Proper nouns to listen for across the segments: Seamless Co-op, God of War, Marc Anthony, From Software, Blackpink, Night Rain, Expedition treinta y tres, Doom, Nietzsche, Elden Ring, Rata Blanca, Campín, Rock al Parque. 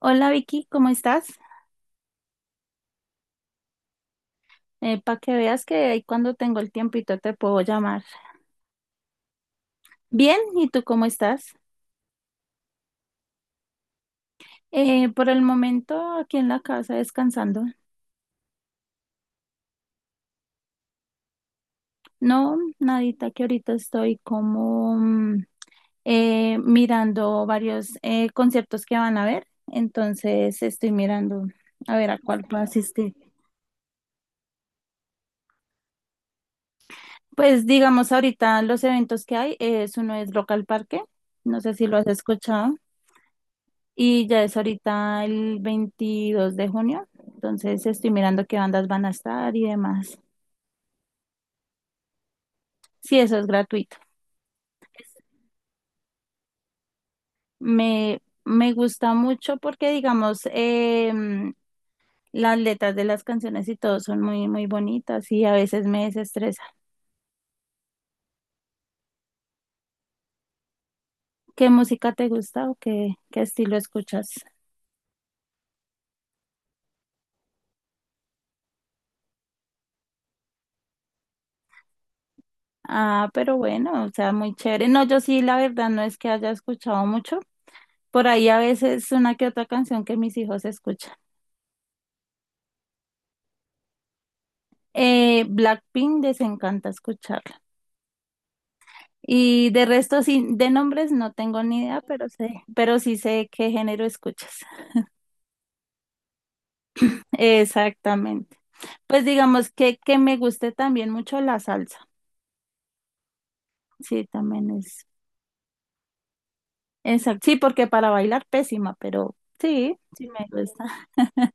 Hola Vicky, ¿cómo estás? Para que veas que ahí cuando tengo el tiempito te puedo llamar. Bien, ¿y tú cómo estás? Por el momento aquí en la casa descansando. No, nadita, que ahorita estoy como mirando varios conciertos que van a ver, entonces estoy mirando a ver a cuál puedo asistir. Pues digamos ahorita los eventos que hay, es uno es Rock al Parque, no sé si lo has escuchado. Y ya es ahorita el 22 de junio, entonces estoy mirando qué bandas van a estar y demás. Sí, eso es gratuito. Me gusta mucho porque, digamos, las letras de las canciones y todo son muy, muy bonitas y a veces me desestresa. ¿Qué música te gusta o qué, qué estilo escuchas? Ah, pero bueno, o sea, muy chévere. No, yo sí, la verdad, no es que haya escuchado mucho. Por ahí a veces una que otra canción que mis hijos escuchan. Blackpink desencanta escucharla. Y de resto, sí, de nombres no tengo ni idea, pero sé, pero sí sé qué género escuchas. Exactamente. Pues digamos que me guste también mucho la salsa. Sí, también es. Exacto. Sí, porque para bailar pésima, pero sí, sí me gusta.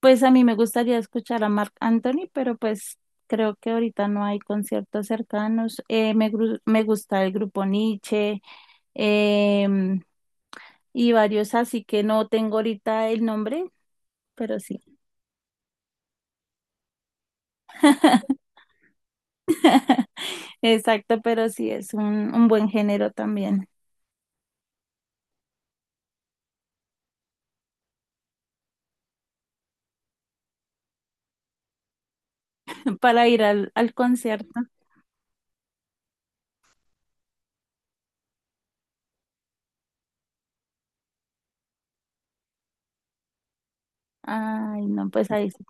Pues a mí me gustaría escuchar a Marc Anthony, pero pues creo que ahorita no hay conciertos cercanos. Me gusta el grupo Nietzsche, em, y varios así que no tengo ahorita el nombre, pero sí. Exacto, pero sí es un buen género también para ir al concierto. Ay, no, pues ahí sí.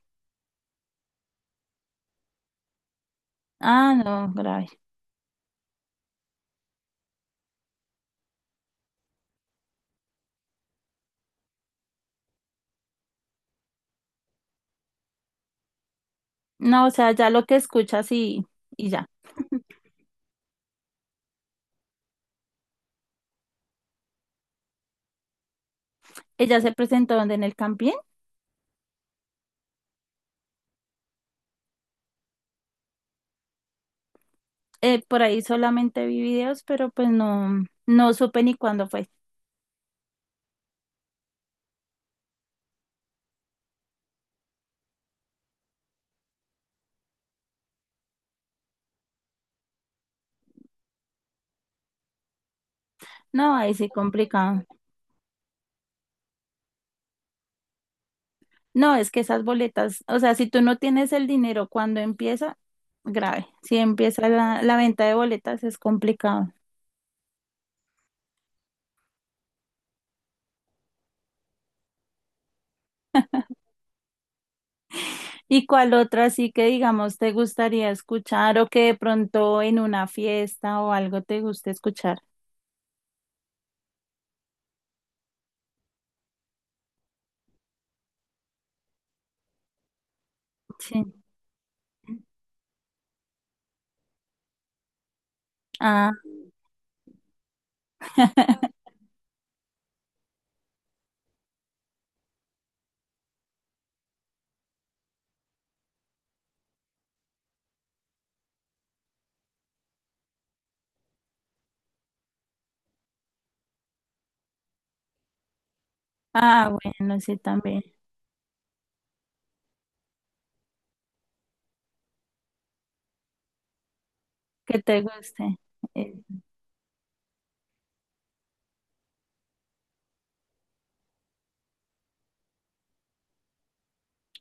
Ah, no, grave. No, o sea, ya lo que escuchas y ya. Ella se presentó donde en el Campín. Por ahí solamente vi videos, pero pues no, no supe ni cuándo fue. No, ahí sí complicado. No, es que esas boletas, o sea, si tú no tienes el dinero cuando empieza, grave. Si empieza la venta de boletas es complicado. ¿Y cuál otra así que digamos te gustaría escuchar o que de pronto en una fiesta o algo te guste escuchar? Sí. Ah, ah, bueno, sí, también. Que te guste. Eh,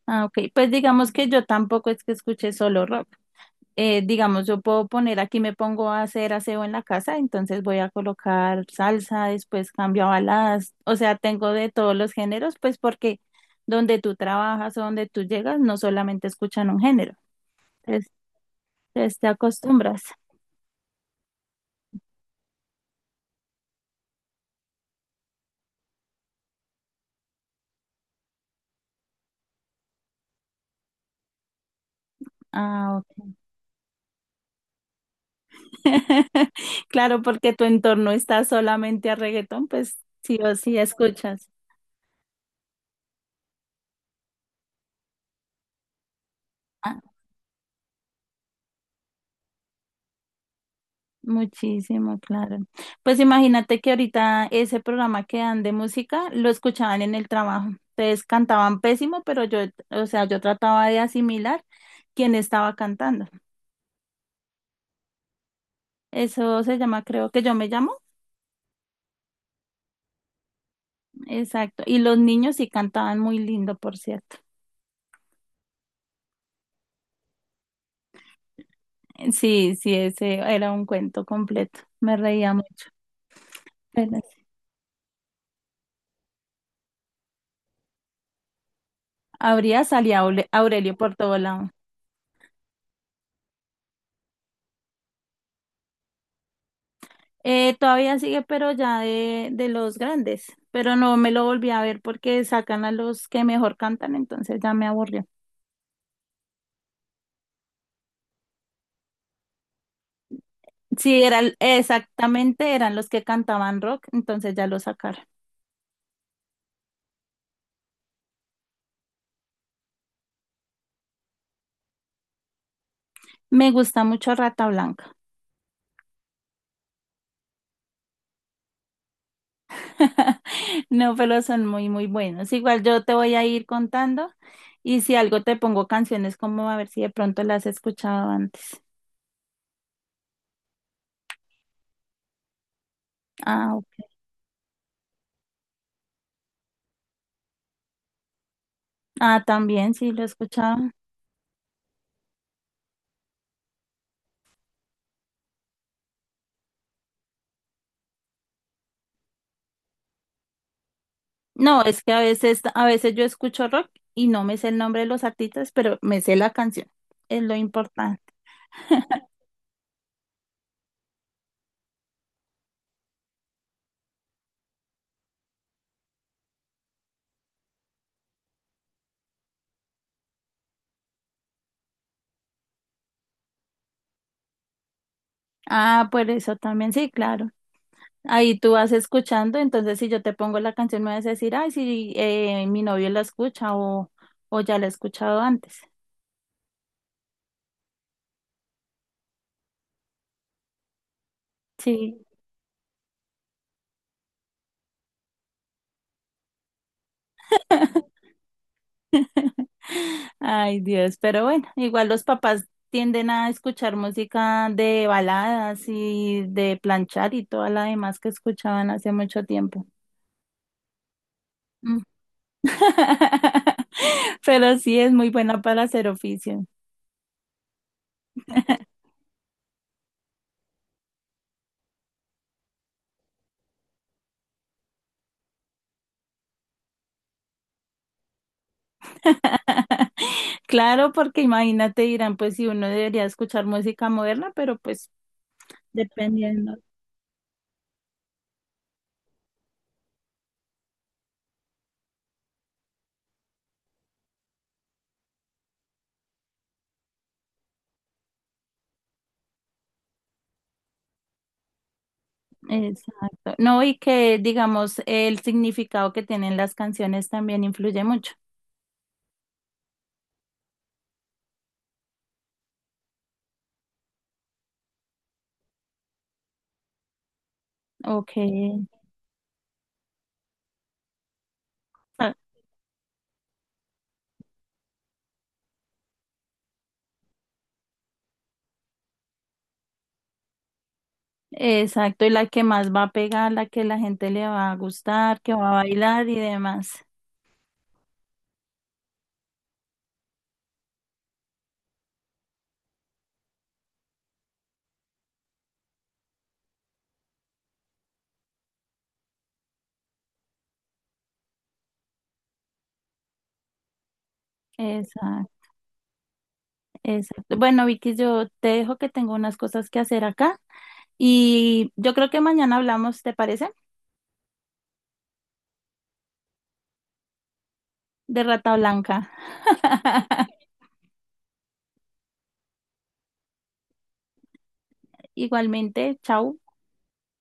ah, ok. Pues digamos que yo tampoco es que escuche solo rock. Digamos, yo puedo poner aquí, me pongo a hacer aseo en la casa, entonces voy a colocar salsa, después cambio a baladas, o sea, tengo de todos los géneros, pues porque donde tú trabajas o donde tú llegas, no solamente escuchan un género, entonces entonces te acostumbras. Ah, ok. Claro, porque tu entorno está solamente a reggaetón, pues sí o sí escuchas. Muchísimo, claro. Pues imagínate que ahorita ese programa que dan de música lo escuchaban en el trabajo. Entonces cantaban pésimo, pero yo, o sea, yo trataba de asimilar quién estaba cantando. Eso se llama, creo que yo me llamo. Exacto. Y los niños sí cantaban muy lindo, por cierto. Sí, sí, ese era un cuento completo. Me reía mucho. Pero sí. Habría salido Aurelio por todo lado. Todavía sigue, pero ya de los grandes, pero no me lo volví a ver porque sacan a los que mejor cantan, entonces ya me aburrió. Sí, eran, exactamente, eran los que cantaban rock, entonces ya lo sacaron. Me gusta mucho Rata Blanca. No, pero son muy, muy buenos. Igual yo te voy a ir contando y si algo te pongo canciones como a ver si de pronto las has escuchado antes. Ah, ok. Ah, también sí lo he escuchado. No, es que a veces yo escucho rock y no me sé el nombre de los artistas, pero me sé la canción. Es lo importante. Ah, por eso también, sí, claro. Ahí tú vas escuchando, entonces si yo te pongo la canción me vas a decir, ay, sí, mi novio la escucha o ya la he escuchado antes. Sí. Ay, Dios, pero bueno, igual los papás tienden a escuchar música de baladas y de planchar y toda la demás que escuchaban hace mucho tiempo. Pero sí es muy buena para hacer oficio. Claro, porque imagínate, dirán, pues si uno debería escuchar música moderna, pero pues dependiendo. Exacto. No, y que digamos el significado que tienen las canciones también influye mucho. Ok. Ah, exacto, y la que más va a pegar, la que la gente le va a gustar, que va a bailar y demás. Exacto. Exacto. Bueno, Vicky, yo te dejo que tengo unas cosas que hacer acá y yo creo que mañana hablamos, ¿te parece? De Rata Blanca. Igualmente, chao.